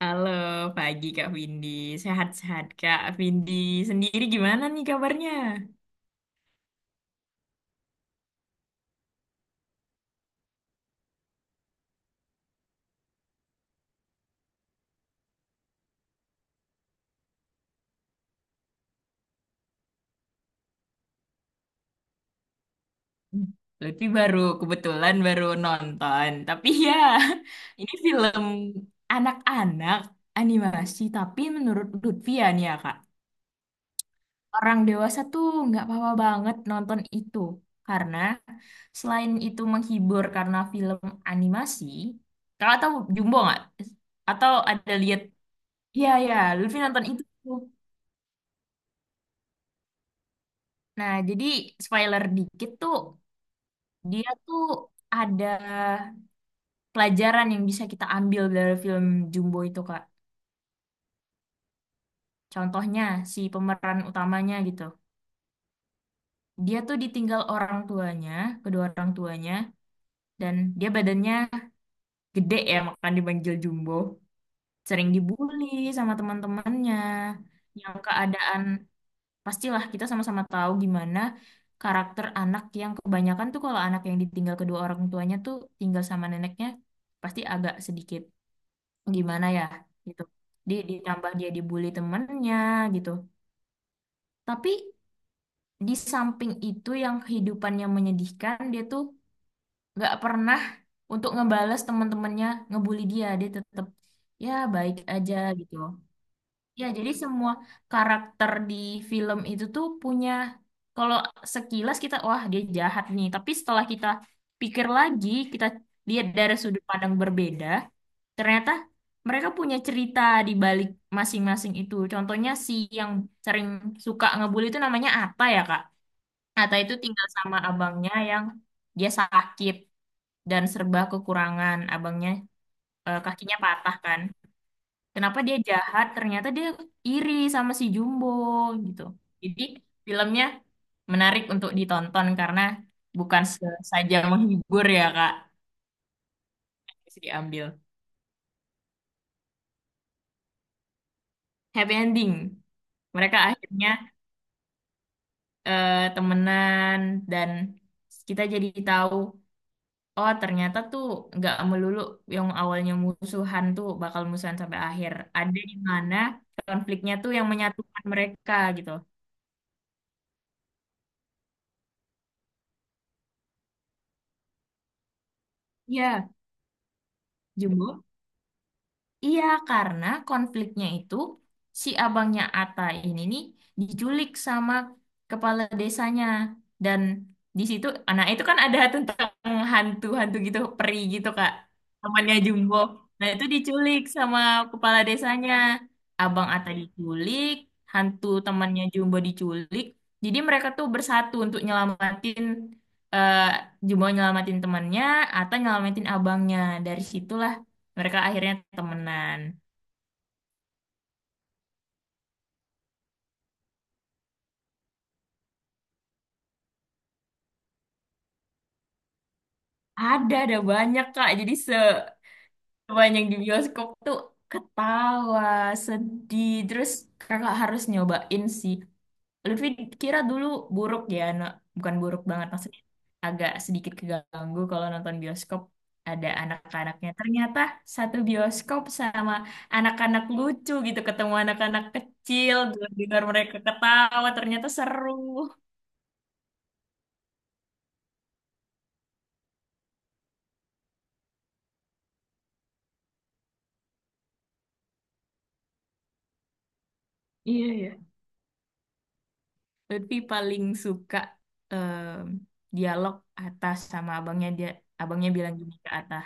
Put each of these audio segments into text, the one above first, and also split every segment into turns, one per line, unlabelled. Halo, pagi Kak Windy. Sehat-sehat Kak Windy. Sendiri gimana nih kabarnya? Hmm, Lutfi baru, kebetulan baru nonton. Tapi ya, ini film anak-anak animasi. Tapi menurut Lutfi ya nih ya Kak, orang dewasa tuh nggak apa-apa banget nonton itu. Karena selain itu menghibur karena film animasi, Kakak tahu Jumbo nggak? Atau ada lihat? Iya, ya, Lutfi nonton itu. Nah, jadi spoiler dikit tuh, dia tuh ada pelajaran yang bisa kita ambil dari film Jumbo itu, Kak. Contohnya, si pemeran utamanya gitu. Dia tuh ditinggal orang tuanya, kedua orang tuanya, dan dia badannya gede ya, makanya dipanggil Jumbo. Sering dibully sama teman-temannya, yang keadaan. Pastilah kita sama-sama tahu gimana karakter anak yang kebanyakan tuh kalau anak yang ditinggal kedua orang tuanya tuh tinggal sama neneknya pasti agak sedikit gimana ya gitu. Dia ditambah dia dibully temennya gitu. Tapi di samping itu yang kehidupannya menyedihkan dia tuh nggak pernah untuk ngebales teman-temannya ngebully dia. Dia tetap ya baik aja gitu. Ya, jadi semua karakter di film itu tuh punya, kalau sekilas kita, wah dia jahat nih. Tapi setelah kita pikir lagi, kita lihat dari sudut pandang berbeda, ternyata mereka punya cerita di balik masing-masing itu. Contohnya si yang sering suka ngebully itu namanya Atta ya, Kak. Atta itu tinggal sama abangnya yang dia sakit dan serba kekurangan. Abangnya kakinya patah kan. Kenapa dia jahat? Ternyata dia iri sama si Jumbo gitu. Jadi filmnya menarik untuk ditonton karena bukan se- saja menghibur ya Kak, terus diambil. Happy ending. Mereka akhirnya temenan dan kita jadi tahu oh ternyata tuh nggak melulu yang awalnya musuhan tuh bakal musuhan sampai akhir. Ada di mana konfliknya tuh yang menyatukan mereka gitu. Iya, Jumbo. Iya, karena konfliknya itu si abangnya Ata ini nih diculik sama kepala desanya dan di situ anak itu kan ada tentang hantu-hantu gitu, peri gitu Kak. Temannya Jumbo. Nah, itu diculik sama kepala desanya. Abang Ata diculik, hantu temannya Jumbo diculik. Jadi mereka tuh bersatu untuk nyelamatin eh Jumbo nyelamatin temannya, Ata nyelamatin abangnya. Dari situlah mereka akhirnya temenan. Ada banyak, Kak. Jadi sebanyak di bioskop tuh ketawa, sedih. Terus kakak harus nyobain sih. Lutfi kira dulu buruk ya, bukan buruk banget maksudnya. Agak sedikit keganggu kalau nonton bioskop ada anak-anaknya. Ternyata satu bioskop sama anak-anak lucu gitu. Ketemu anak-anak kecil, dengar mereka ketawa. Ternyata seru. Iya, ya. Lutfi paling suka dialog atas sama abangnya dia. Abangnya bilang gini ke Atta,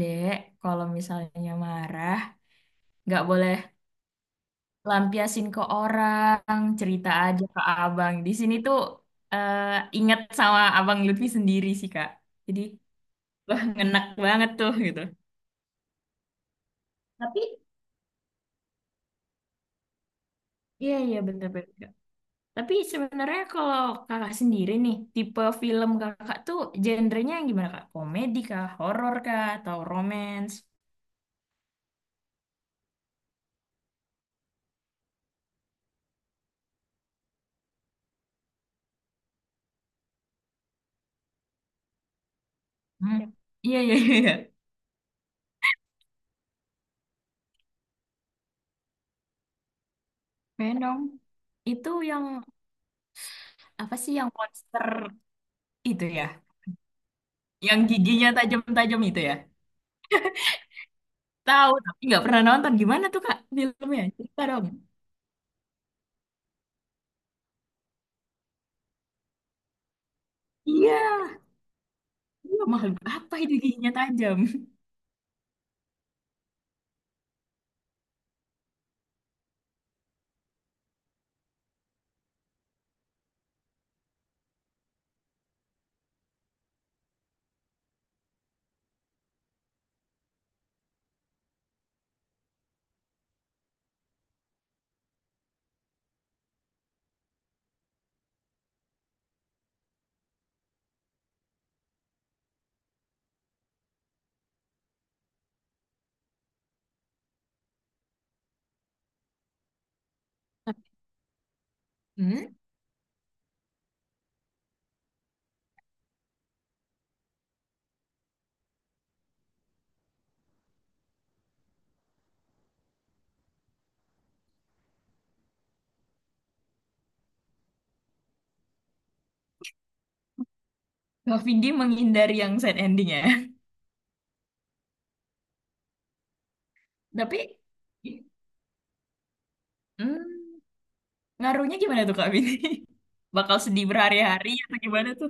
"Dek, kalau misalnya marah, nggak boleh lampiasin ke orang, cerita aja ke abang." Di sini tuh eh, ingat sama abang Lutfi sendiri sih, Kak. Jadi, wah, ngenak banget tuh gitu. Tapi, iya, bener-bener. Tapi sebenarnya kalau kakak sendiri nih, tipe film kakak tuh genrenya yang gimana kak? Komedi kah? Horor kah? Atau romance? Hmm, iya. Keren. Itu yang apa sih yang monster itu ya? Yang giginya tajam-tajam itu ya? Tahu tapi nggak pernah nonton. Gimana tuh kak filmnya? Cerita dong. Iya, iya makhluk apa itu giginya tajam? Hmm? Kak Vindi menghindari yang sad ending ya. Tapi, hmm. Ngaruhnya gimana tuh Kak Bini? Bakal sedih berhari-hari atau gimana tuh?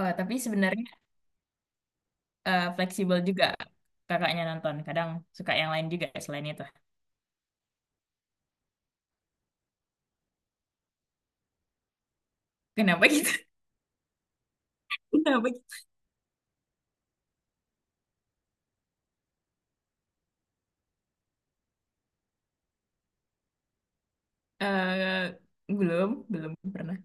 Oh, tapi sebenarnya fleksibel juga kakaknya nonton. Kadang suka yang lain juga selain itu. Kenapa gitu? Kenapa gitu? Eh, belum, belum pernah.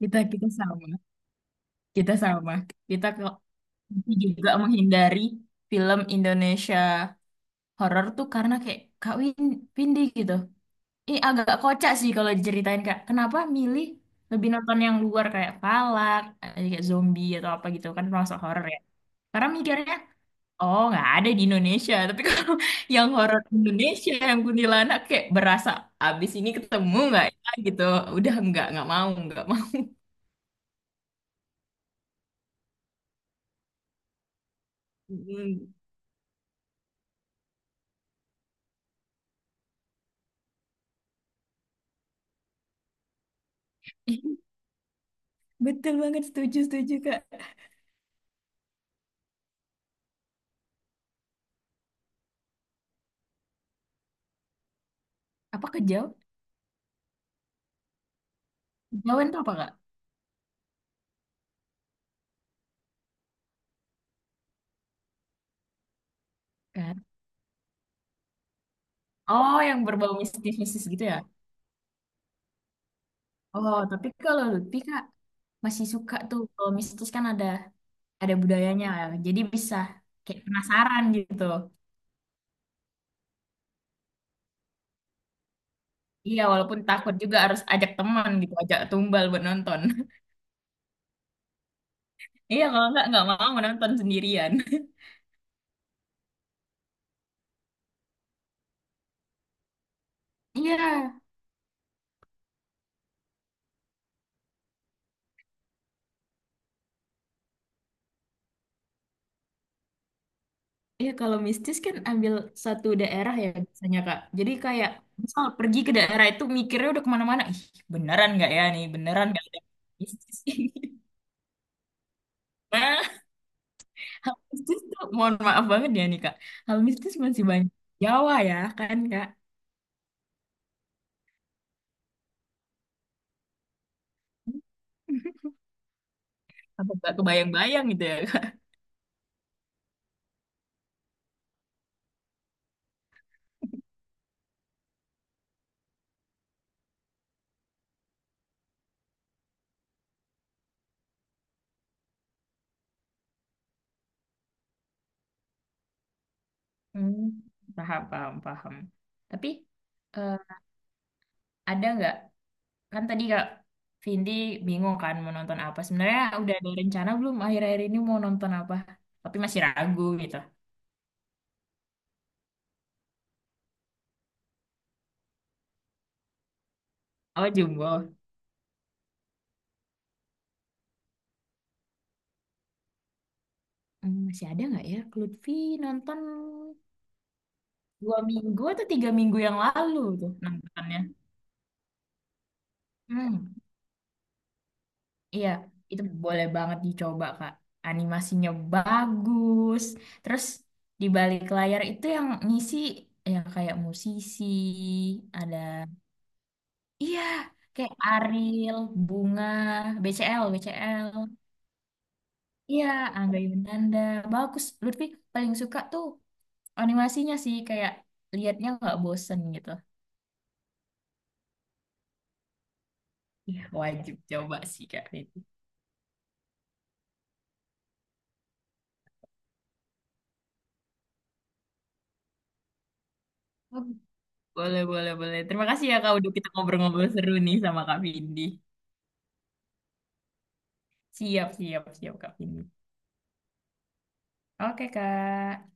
Kita kita sama, kita sama. Kita kok tapi juga menghindari film Indonesia horor tuh karena kayak Kak Win, Windy gitu. Ini agak kocak sih kalau diceritain Kak. Kenapa milih lebih nonton yang luar kayak Palak, eh, kayak zombie atau apa gitu kan termasuk horor ya. Karena mikirnya, oh nggak ada di Indonesia. Tapi kalau yang horor Indonesia yang kuntilanak kayak berasa abis ini ketemu nggak ya gitu. Udah nggak mau nggak mau. Mm. Ih, betul banget setuju setuju Kak. Apa kejauh? Kejauhan tuh apa Kak? Kan? Oh yang berbau mistis-mistis gitu ya. Oh, tapi kalau Lutfi Kak masih suka tuh kalau mistis kan ada budayanya ya. Jadi bisa kayak penasaran gitu. Iya, walaupun takut juga harus ajak teman gitu, ajak tumbal buat nonton. Iya, kalau nggak mau nonton sendirian. Iya, iya kalau mistis kan ambil satu daerah ya biasanya Kak. Jadi kayak misal pergi ke daerah itu mikirnya udah kemana-mana. Ih, beneran nggak ya nih? Beneran nggak ada mistis ini? Hal mistis tuh, mohon maaf banget ya nih Kak. Hal mistis masih banyak Jawa ya kan Kak? Apa nggak kebayang-bayang gitu ya Kak? Hmm, paham, paham, paham. Tapi eh, ada nggak? Kan tadi Kak Vindi bingung kan mau nonton apa. Sebenarnya udah ada rencana belum akhir-akhir ini mau nonton apa? Tapi masih ragu gitu. Oh, Jumbo. Hmm, masih ada nggak ya? Lutfi nonton 2 minggu atau 3 minggu yang lalu tuh nontonnya. Hmm. Iya, itu boleh banget dicoba, Kak. Animasinya bagus. Terus di balik layar itu yang ngisi ya kayak musisi, ada iya, kayak Ariel, Bunga, BCL. Iya, Angga Yunanda. Bagus. Lutfi paling suka tuh animasinya sih kayak liatnya nggak bosen gitu. Iya, wajib coba sih, Kak. Itu. Boleh, boleh, boleh. Terima kasih ya, Kak, udah kita ngobrol-ngobrol seru nih sama Kak Vindi. Siap, siap, siap Kak Vini. Oke Kak,